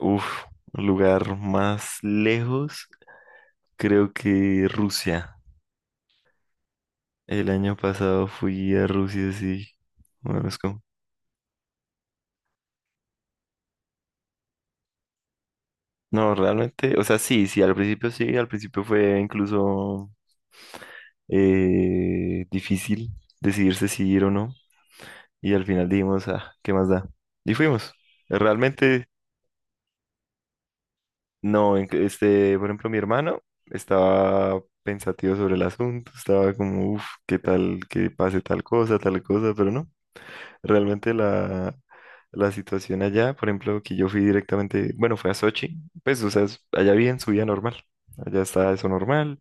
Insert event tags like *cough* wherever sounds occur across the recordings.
Uf, Lugar más lejos, creo que Rusia. El año pasado fui a Rusia, sí. Bueno, es como... No, realmente, o sea, sí, al principio sí, al principio fue incluso difícil decidirse si sí ir o no. Y al final dijimos, ah, ¿qué más da? Y fuimos. Realmente, no, este, por ejemplo, mi hermano estaba pensativo sobre el asunto, estaba como, ¿qué tal que pase tal cosa, tal cosa? Pero no. Realmente la situación allá, por ejemplo, que yo fui directamente, bueno, fue a Sochi, pues, o sea, allá viven su vida normal, allá está eso normal,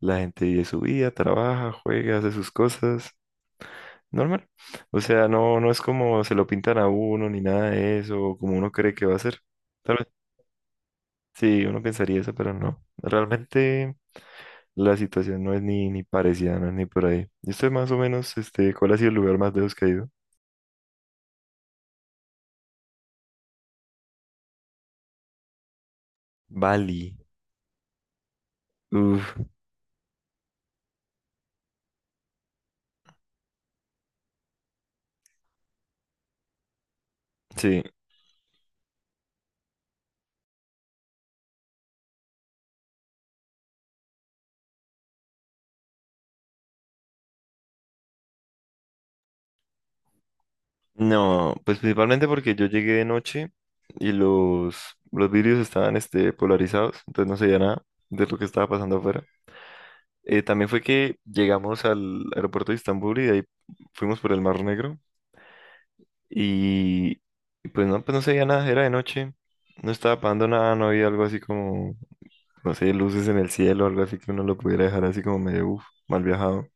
la gente vive su vida, trabaja, juega, hace sus cosas, normal. O sea, no es como se lo pintan a uno ni nada de eso, o como uno cree que va a ser. Tal vez, sí, uno pensaría eso, pero no. Realmente la situación no es ni parecida, no es ni por ahí. Y usted más o menos, este, ¿cuál ha sido el lugar más lejos que ha ido? Bali. Uf, sí. No, pues principalmente porque yo llegué de noche y los vidrios estaban este, polarizados, entonces no se veía nada de lo que estaba pasando afuera. También fue que llegamos al aeropuerto de Estambul y de ahí fuimos por el Mar Negro y, y pues no se veía nada, era de noche, no estaba pasando nada, no había algo así como, no sé, luces en el cielo, algo así que uno lo pudiera dejar así como medio, uf, mal viajado.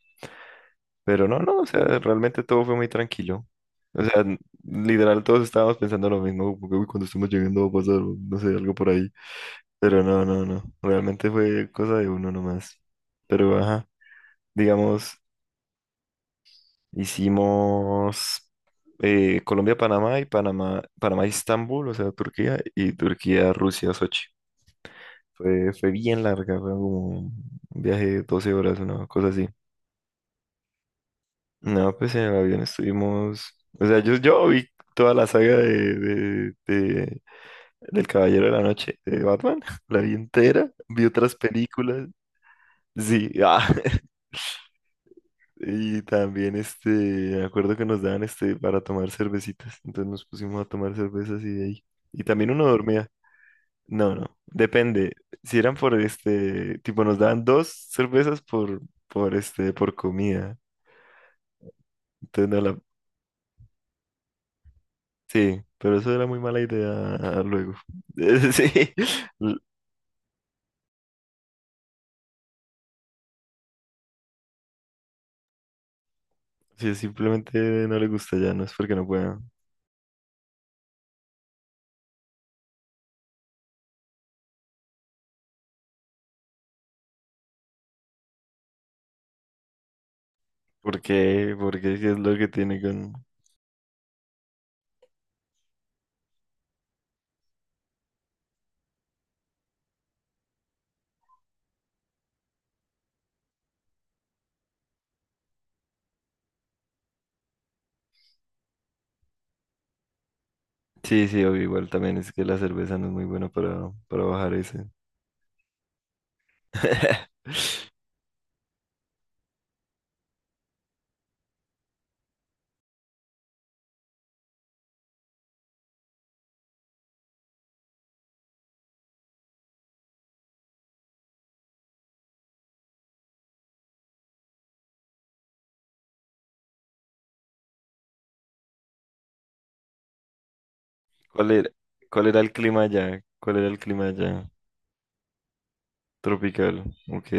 Pero no, o sea, realmente todo fue muy tranquilo. O sea, literal todos estábamos pensando lo mismo, como que, "Uy, cuando estemos llegando va a pasar, no sé, algo por ahí. Pero no, realmente fue cosa de uno nomás. Pero, ajá, digamos, hicimos Colombia-Panamá y Panamá, Panamá-Istambul, o sea, Turquía, y Turquía-Rusia, Sochi. Fue bien larga, fue como un viaje de 12 horas, una cosa así. No, pues en el avión estuvimos. O sea, yo vi toda la saga de, del Caballero de la Noche de Batman. *laughs* La vi entera. Vi otras películas. Sí, ah, *laughs* y también este, me acuerdo que nos daban este para tomar cervecitas. Entonces nos pusimos a tomar cervezas y de ahí. Y también uno dormía. No, depende. Si eran por este, tipo, nos daban dos cervezas por este, por comida. Entonces no la, sí, pero eso era muy mala idea luego. *laughs* Sí, l- sí, simplemente no le gusta ya, no es porque no pueda. ¿Por qué? Porque es que es lo que tiene con... Sí, obvio, igual también es que la cerveza no es muy buena para bajar ese. *laughs* ¿Cuál era, ¿cuál era el clima allá? ¿Cuál era el clima allá? Tropical. Ok,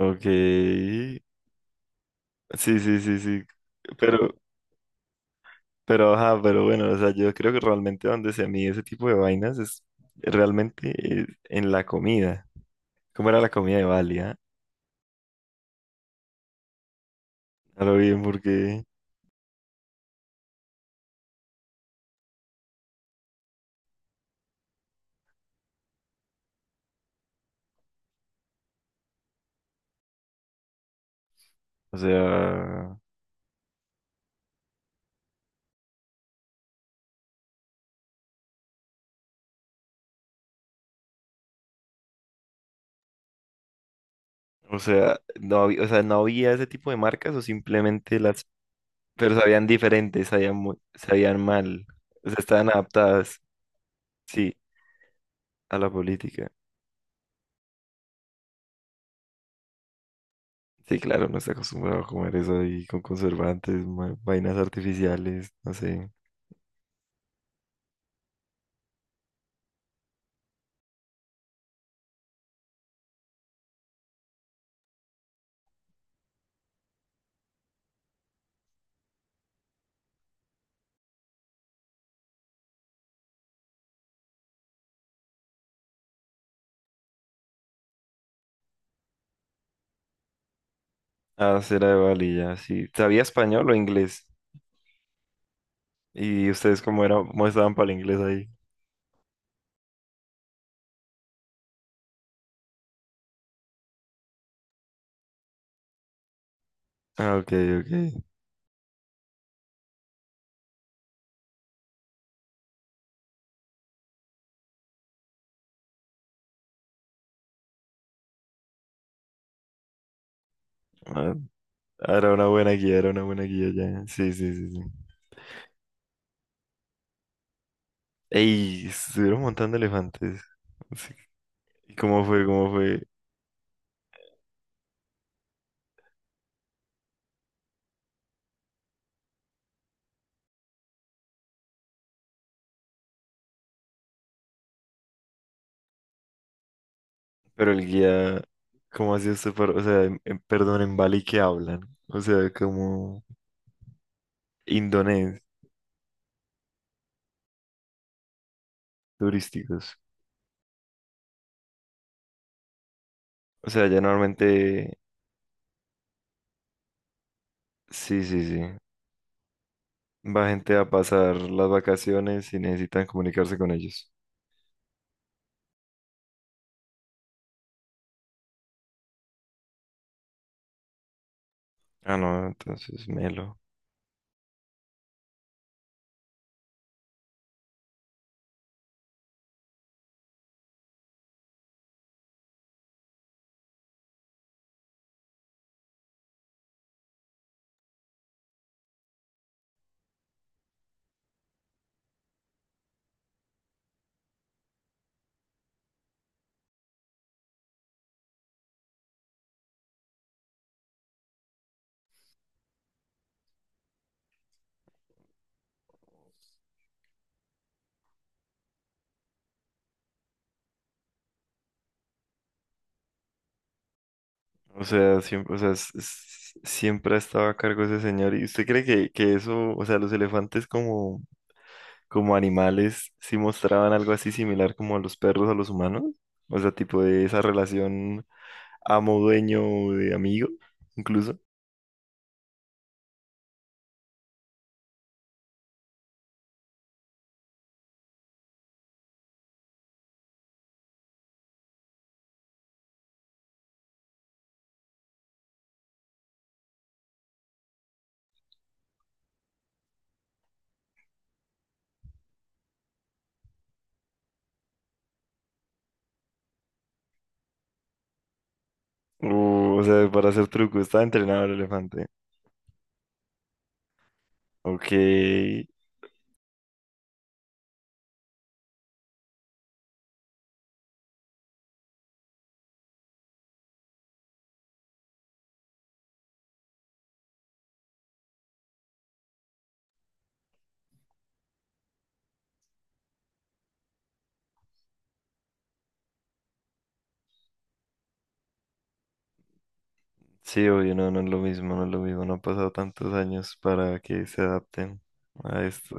ok. Sí, sí, sí, sí. Pero, pero, ajá, pero bueno, o sea, yo creo que realmente donde se mide ese tipo de vainas es realmente en la comida. ¿Cómo era la comida de Bali, ah? A lo bien, porque, o sea, o sea, no había, o sea, no había ese tipo de marcas o simplemente las, pero sabían diferentes, sabían muy, sabían mal, o sea, estaban adaptadas, sí, a la política. Sí, claro, no está acostumbrado a comer eso ahí con conservantes, vainas artificiales, no sé. Ah, será de Bali, ya, sí. ¿Sabía español o inglés? ¿Y ustedes cómo era, cómo estaban para el inglés ahí? Ah, ok. Ah, era una buena guía, era una buena guía ya. Sí, sí, sí, sí. Ey, estuvieron montando elefantes. Sí. ¿Y cómo fue? ¿Cómo fue? Pero el guía, ¿cómo hacía usted para, o sea, perdón, en Bali que hablan? O sea, como indonés, turísticos. O sea, ya normalmente, sí, sí, sí. Va gente a pasar las vacaciones y necesitan comunicarse con ellos. Ah, no, entonces, melo. O sea, siempre, o sea, siempre ha estado a cargo ese señor. ¿Y usted cree que eso, o sea, los elefantes como, como animales, sí mostraban algo así similar como a los perros, a los humanos? O sea, tipo de esa relación amo-dueño de amigo, incluso. O sea, para hacer truco, está entrenado el elefante. Ok, sí, obvio, no, no es lo mismo, no es lo mismo, no han pasado tantos años para que se adapten a esto.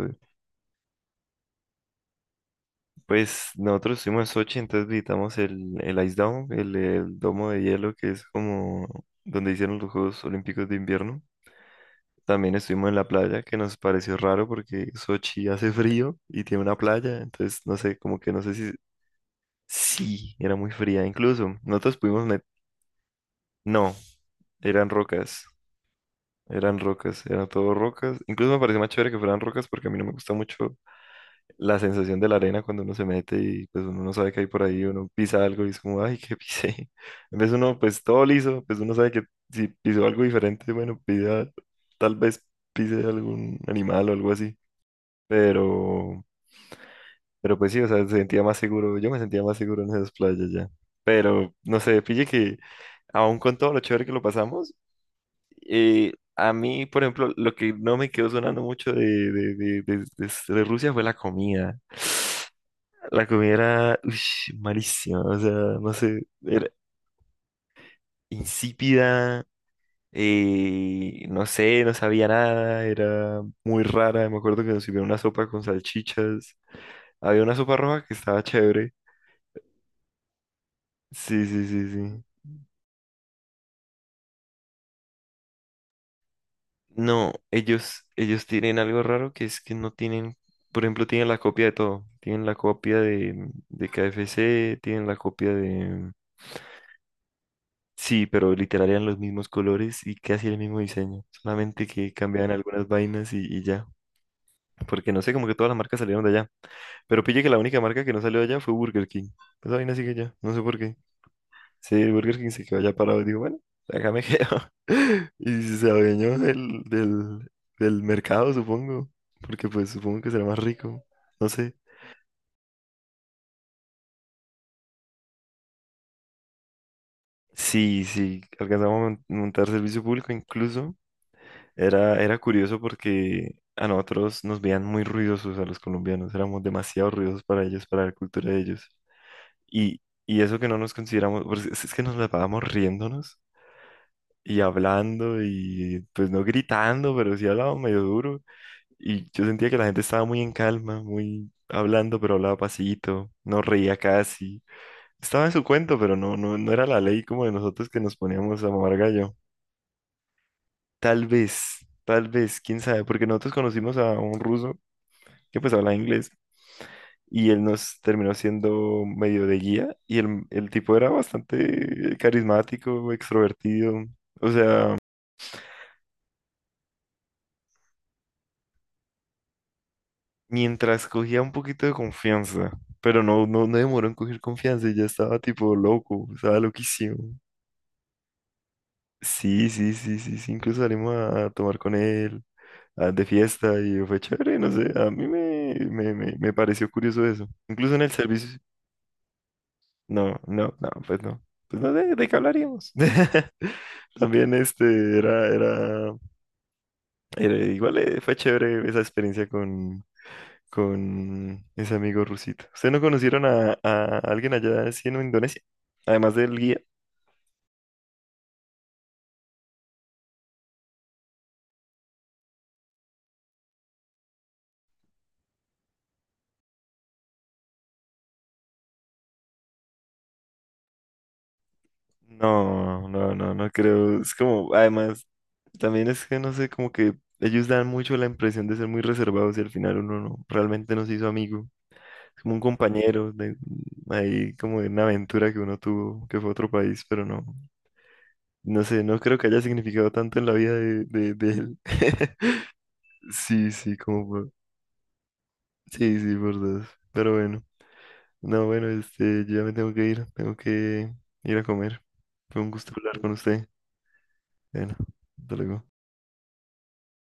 Pues nosotros estuvimos en Sochi, entonces visitamos el Ice Dome, el domo de hielo que es como donde hicieron los Juegos Olímpicos de invierno. También estuvimos en la playa, que nos pareció raro porque Sochi hace *laughs* frío y tiene una playa, entonces no sé, como que no sé si... Sí, era muy fría incluso. Nosotros pudimos no, eran rocas, eran rocas, eran todo rocas. Incluso me pareció más chévere que fueran rocas porque a mí no me gusta mucho la sensación de la arena cuando uno se mete y pues uno no sabe que hay por ahí, uno pisa algo y es como, ay, ¿qué pisé? *laughs* En vez uno, pues todo liso, pues uno sabe que si pisó algo diferente, bueno, pida, tal vez pise algún animal o algo así, pero, pero pues sí, o sea, se sentía más seguro, yo me sentía más seguro en esas playas ya, pero no sé, pille que aún con todo lo chévere que lo pasamos, eh, a mí, por ejemplo, lo que no me quedó sonando mucho de, de Rusia fue la comida. La comida era uish, malísima, o sea, no sé, era insípida, no sé, no sabía nada, era muy rara. Me acuerdo que nos sirvieron una sopa con salchichas. Había una sopa roja que estaba chévere. Sí, sí, sí, sí. No, ellos tienen algo raro que es que no tienen, por ejemplo, tienen la copia de todo. Tienen la copia de, KFC, tienen la copia de, sí, pero literal eran los mismos colores y casi el mismo diseño, solamente que cambiaban algunas vainas y ya, porque no sé, como que todas las marcas salieron de allá, pero pille que la única marca que no salió de allá fue Burger King, esa vaina sigue allá, no sé por qué, sí, Burger King se quedó allá parado y digo, bueno, acá me quedo, *laughs* y si se adueñó del mercado, supongo, porque pues supongo que será más rico, no sé. Sí, sí, alcanzamos a montar servicio público incluso. Era curioso porque a nosotros nos veían muy ruidosos a los colombianos, éramos demasiado ruidosos para ellos, para la cultura de ellos. Y, y eso que no nos consideramos, pues, es que nos la pasábamos riéndonos y hablando y pues no gritando, pero sí hablábamos medio duro. Y yo sentía que la gente estaba muy en calma, muy hablando, pero hablaba pasito, no reía casi. Estaba en su cuento, pero no, no era la ley como de nosotros que nos poníamos a mamar gallo. Tal vez, tal vez, quién sabe, porque nosotros conocimos a un ruso que pues habla inglés y él nos terminó siendo medio de guía y el tipo era bastante carismático, extrovertido, o sea, mientras cogía un poquito de confianza, pero no, no demoró en coger confianza y ya estaba tipo loco, estaba loquísimo. Sí, sí, sí, sí, sí, incluso salimos a tomar con él. Ah, de fiesta y fue chévere, no sé, a mí me pareció curioso eso. Incluso en el servicio, no, no, no, pues no. Pues no de ¿de qué hablaríamos? *laughs* También este era igual fue chévere esa experiencia con ese amigo rusito. ¿Ustedes no conocieron a alguien allá así en Indonesia? Además del guía. No, no, no, no creo. Es como, además, también es que no sé, como que ellos dan mucho la impresión de ser muy reservados y al final uno no, realmente no se hizo amigo. Es como un compañero de ahí, como de una aventura que uno tuvo, que fue a otro país, pero no, no sé, no creo que haya significado tanto en la vida de él. *laughs* Sí, sí, sí, sí, por dos. Pero bueno, no, bueno, este, yo ya me tengo que ir a comer. Fue un gusto hablar con usted. Bueno, hasta luego.